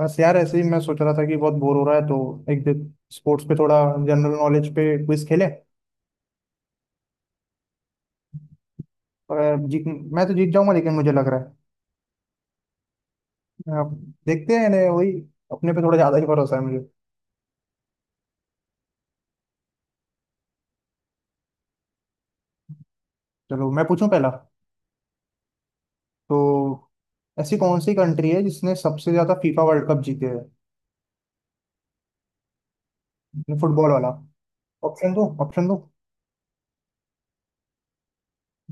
बस यार ऐसे ही मैं सोच रहा था कि बहुत बोर हो रहा है तो एक दिन स्पोर्ट्स पे थोड़ा जनरल नॉलेज पे क्विज खेले। अगर जीत मैं तो जीत जाऊंगा, लेकिन मुझे लग रहा है अब देखते हैं ने वही, अपने पे थोड़ा ज़्यादा ही भरोसा है मुझे। चलो मैं पूछूं पहला। तो ऐसी कौन सी कंट्री है जिसने सबसे ज़्यादा फीफा वर्ल्ड कप जीते हैं? फुटबॉल वाला। ऑप्शन दो, ऑप्शन दो।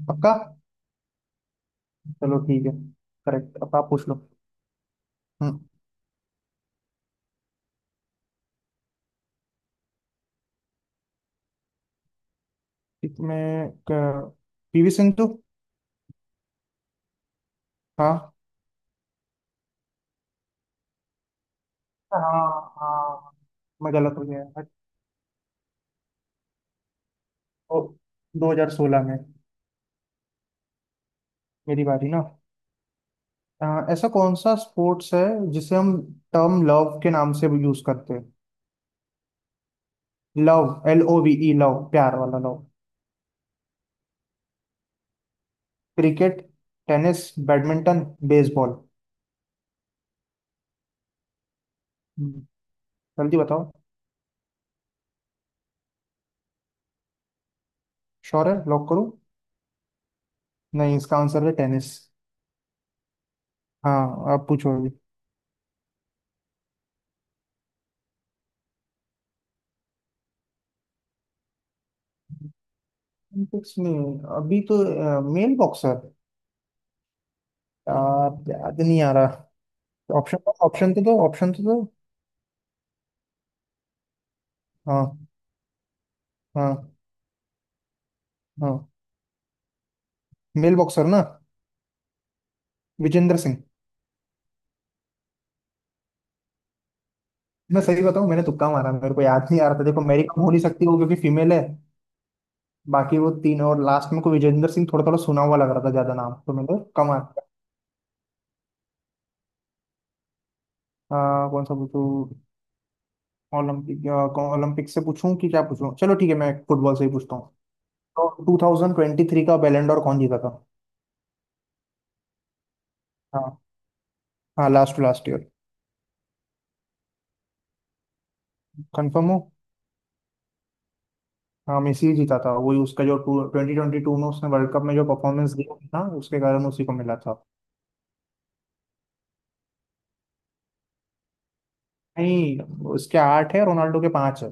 पक्का? चलो ठीक है, करेक्ट। अब आप पूछ लो। हम्म। इसमें पीवी सिंधु। हाँ। हाँ हाँ, मैं गलत हो गया। और 2016 में। मेरी बारी ना। अ, ऐसा कौन सा स्पोर्ट्स है जिसे हम टर्म लव के नाम से यूज करते हैं? Love. L O V E, love, प्यार वाला love. Cricket, tennis, badminton, baseball. हम्म, जल्दी बताओ। श्योर है, लॉक करूं? नहीं, इसका आंसर है टेनिस। हाँ आप पूछो अभी। Olympics में। अभी तो। Mail boxer. यार याद नहीं आ रहा। ऑप्शन, ऑप्शन तो दो, ऑप्शन तो दो। हाँ। हाँ। हाँ। मेल बॉक्सर ना। विजेंद्र सिंह। मैं सही बताऊं, मैंने तुक्का मारा, मेरे को याद नहीं आ रहा था। देखो, मेरी कम हो नहीं सकती वो क्योंकि फीमेल है। बाकी वो तीन, और लास्ट में को विजेंद्र सिंह थोड़ा थोड़ा सुना हुआ लग रहा था, ज्यादा नाम तो मैंने कम। आ, कौन सा पूछूं? ओलंपिक, ओलंपिक से पूछूं कि क्या पूछूं? चलो ठीक है, मैं फुटबॉल से ही पूछता हूँ। तो 2023 का बैलेंडोर कौन जीता था? हाँ। हाँ लास्ट लास्ट ईयर। कंफर्म हो? हाँ मेसी ही जीता था। वही उसका जो टू ट्वेंटी ट्वेंटी टू में उसने वर्ल्ड कप में जो परफॉर्मेंस दी थी ना, उसके कारण उसी को मिला था। नहीं, उसके आठ है, रोनाल्डो के पांच है।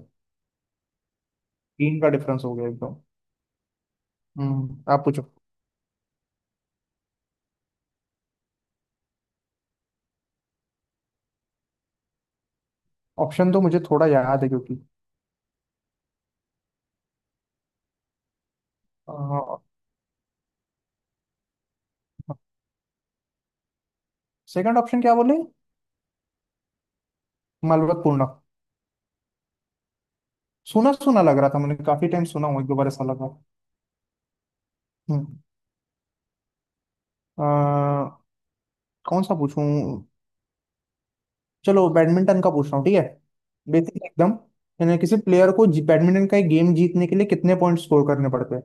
तीन का डिफरेंस हो गया एकदम। हम्म, आप पूछो। ऑप्शन तो मुझे थोड़ा याद है क्योंकि। सेकंड ऑप्शन क्या बोले? मलबतपूर्ण। सुना सुना लग रहा था, मैंने काफी टाइम सुना हूँ, एक दो बार ऐसा लगा। हम्म। अ, कौन सा पूछूं? चलो बैडमिंटन का पूछ रहा हूँ, ठीक है। बेसिक एकदम। यानी किसी प्लेयर को बैडमिंटन का एक गेम जीतने के लिए कितने पॉइंट स्कोर करने पड़ते हैं?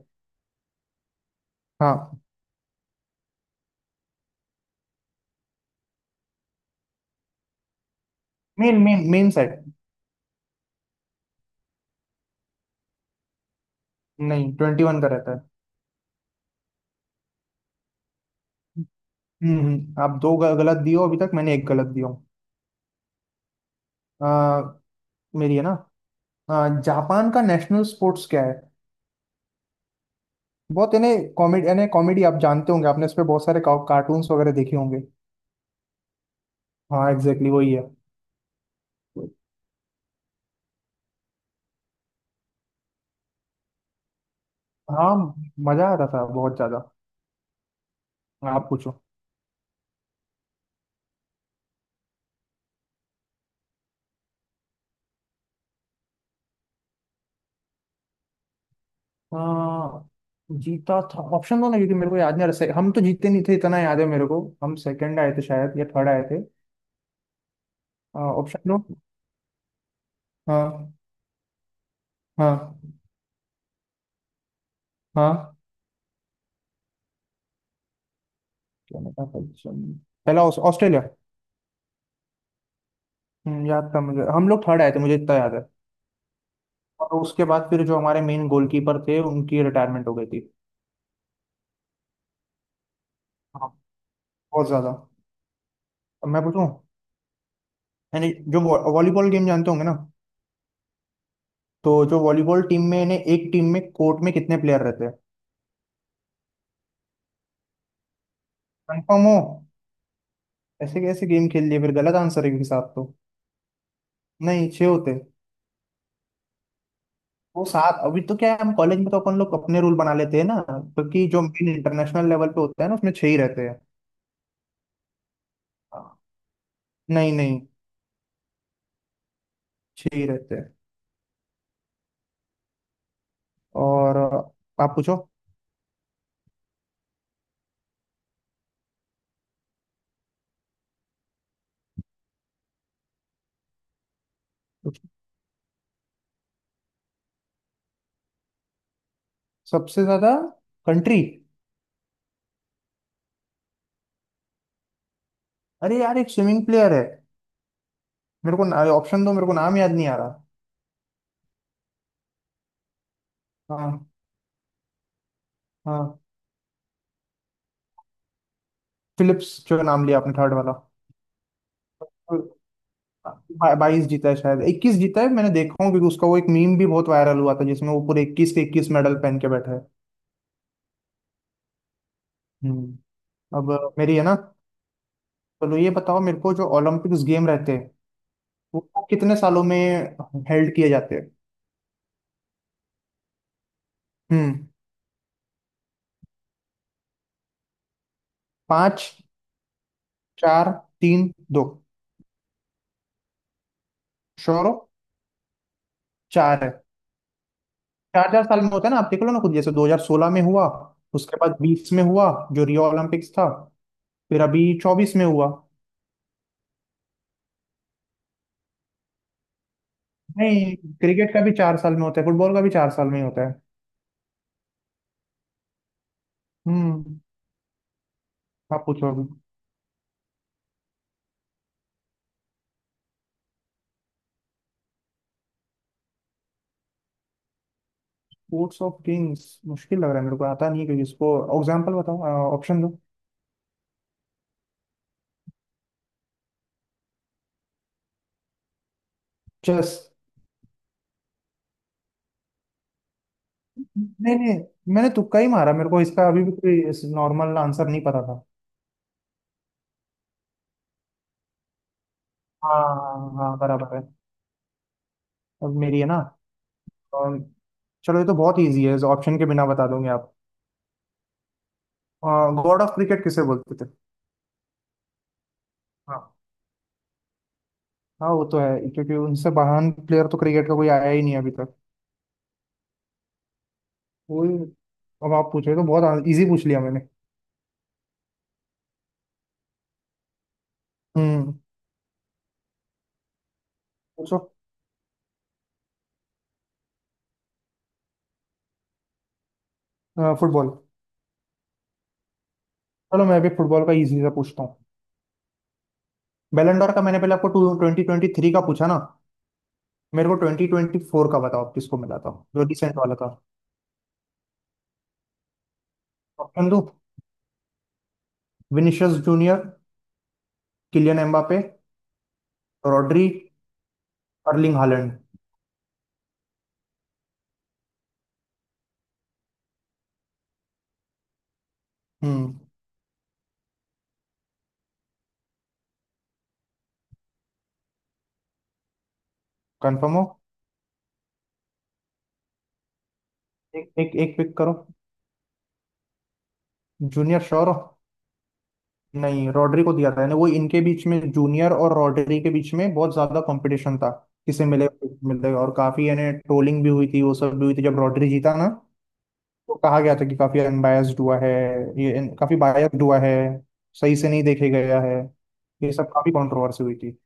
हाँ। Main main main set. नहीं, ट्वेंटी वन का रहता है। आप दो गलत दियो, अभी तक मैंने एक गलत दिया हूँ। अ, मेरी है ना। हाँ, जापान का नेशनल स्पोर्ट्स क्या है? बहुत इन्हें कॉमेडी, यानी कॉमेडी आप जानते होंगे, आपने इस पे बहुत सारे कार्टून्स वगैरह देखे होंगे। हाँ एग्जैक्टली वही है। हाँ, मजा आता था बहुत ज्यादा। आप पूछो। हाँ जीता था। ऑप्शन दो ना, क्योंकि मेरे को याद नहीं आ रहा हम तो जीते नहीं थे इतना याद है मेरे को, हम सेकंड आए थे शायद या थर्ड आए थे। ऑप्शन दो। हाँ। हाँ। हाँ। क्या नाम था? पहला ऑस्ट्रेलिया। याद था मुझे, हम लोग थर्ड आए थे मुझे इतना याद है। और उसके बाद फिर जो हमारे मेन गोलकीपर थे उनकी रिटायरमेंट हो गई थी। हाँ, बहुत ज्यादा। अब मैं पूछूं। यानी जो वॉलीबॉल गेम जानते होंगे ना? तो जो वॉलीबॉल टीम में, यानी एक टीम में कोर्ट में कितने प्लेयर रहते हैं? कंफर्म हो? ऐसे कैसे गेम खेल लिए फिर, गलत आंसर है क्योंकि सात तो। नहीं, छह होते। वो सात अभी तो क्या है, हम कॉलेज में तो अपन लोग अपने रूल बना लेते हैं ना, क्योंकि जो मेन इंटरनेशनल लेवल पे होता है ना उसमें छह ही रहते हैं। हाँ। नहीं नहीं, छह ही रहते हैं। और आप पूछो। पूछो। सबसे ज्यादा। कंट्री? अरे यार एक स्विमिंग प्लेयर है, मेरे को ऑप्शन दो, मेरे को नाम याद नहीं आ रहा। हाँ। हाँ। फिलिप्स, जो नाम लिया आपने थर्ड वाला। बाईस जीता है शायद, इक्कीस जीता है मैंने देखा हूँ, क्योंकि उसका वो एक मीम भी बहुत वायरल हुआ था जिसमें वो पूरे इक्कीस के इक्कीस मेडल पहन के बैठा है। हम्म। अब मेरी है ना? चलो ये बताओ मेरे को, जो ओलंपिक्स गेम रहते हैं वो कितने सालों में हेल्ड किए जाते हैं? हम्म। पाँच, चार, तीन, दो। श्योर हो? चार है। चार, चार साल में होता है ना, आप देख लो ना खुद, जैसे 2016 में हुआ, उसके बाद 20 में हुआ जो रियो ओलंपिक्स था, फिर अभी 24 में हुआ। नहीं, क्रिकेट का भी चार साल में होता है, फुटबॉल का भी चार साल में ही होता है। हम्म। आप पूछो अभी। स्पोर्ट्स ऑफ किंग्स, मुश्किल लग रहा है मेरे को, आता नहीं है क्योंकि इसको। एग्जांपल बताओ, ऑप्शन दो। चेस। नहीं नहीं, मैंने तुक्का ही मारा, मेरे को इसका अभी भी कोई नॉर्मल आंसर नहीं पता था। हाँ हाँ हाँ, बराबर है। अब मेरी है ना। और चलो, ये तो बहुत इजी है, ऑप्शन के बिना बता दोगे आप। गॉड ऑफ क्रिकेट किसे बोलते थे? हाँ। हाँ वो तो है, क्योंकि उनसे महान प्लेयर तो क्रिकेट का कोई आया ही नहीं अभी तक। वो। अब आप पूछे, तो बहुत इजी पूछ लिया मैंने। हम्म। पूछो। फुटबॉल। चलो, मैं भी फुटबॉल का इजी सा पूछता हूँ। बैलन डॉर का मैंने पहले आपको टू ट्वेंटी ट्वेंटी थ्री का पूछा ना? मेरे को ट्वेंटी ट्वेंटी फोर का बताओ आप, किसको मिला था? जो रिसेंट वाला था। ऑप्शन दो। Vinicius Junior, Kylian Mbappe, Rodri, Erling Haaland. हम्म। कंफर्म हो? एक एक एक पिक करो। जूनियर श्योर हो? नहीं, रॉड्री को दिया था। यानी वो इनके बीच में, जूनियर और रॉड्री के बीच में बहुत ज्यादा कंपटीशन था, किसे मिलेगा किसे मिलेगा, और काफी यानी ट्रोलिंग भी हुई थी, वो सब भी हुई थी जब रॉड्री जीता ना। तो कहा गया था कि काफी अनबायस्ड हुआ है, ये काफी बायस्ड हुआ है, सही से नहीं देखे गया है। ये सब काफी कंट्रोवर्सी हुई थी।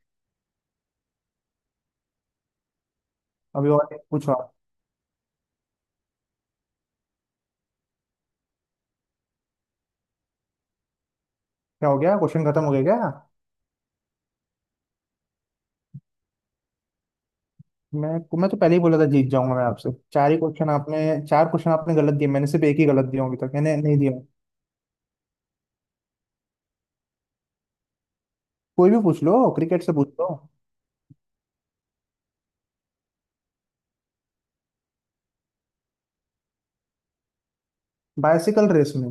अभी और एक पूछो आप। क्या हो गया, क्वेश्चन खत्म हो गया क्या? मैं मैं तो पहले ही बोला था जीत जाऊंगा मैं आपसे, चार ही क्वेश्चन आपने, चार क्वेश्चन आपने गलत दिए, मैंने सिर्फ एक ही गलत दिया, अभी तक मैंने नहीं दिया। कोई भी पूछ लो, क्रिकेट से पूछ लो। बाइसिकल रेस में?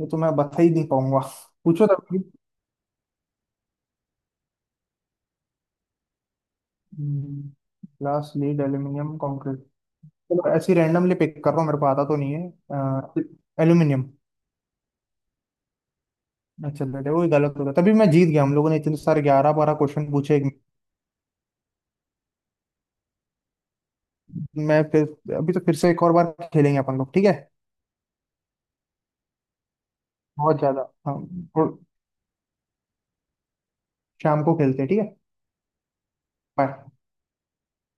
ये तो मैं बता ही नहीं पाऊंगा, पूछो तब। Glass, lead, aluminium, concrete. चलो ऐसी रैंडमली पिक कर रहा हूँ, मेरे को आता तो नहीं है। एल्यूमिनियम। अच्छा बेटे, वो ही गलत हो गया, तभी मैं जीत गया, हम लोगों ने इतने सारे ग्यारह बारह क्वेश्चन पूछे। मैं फिर, अभी तो फिर से एक और बार खेलेंगे अपन लोग, ठीक है? बहुत ज्यादा हाँ। और शाम को खेलते हैं ठीक है। बाय।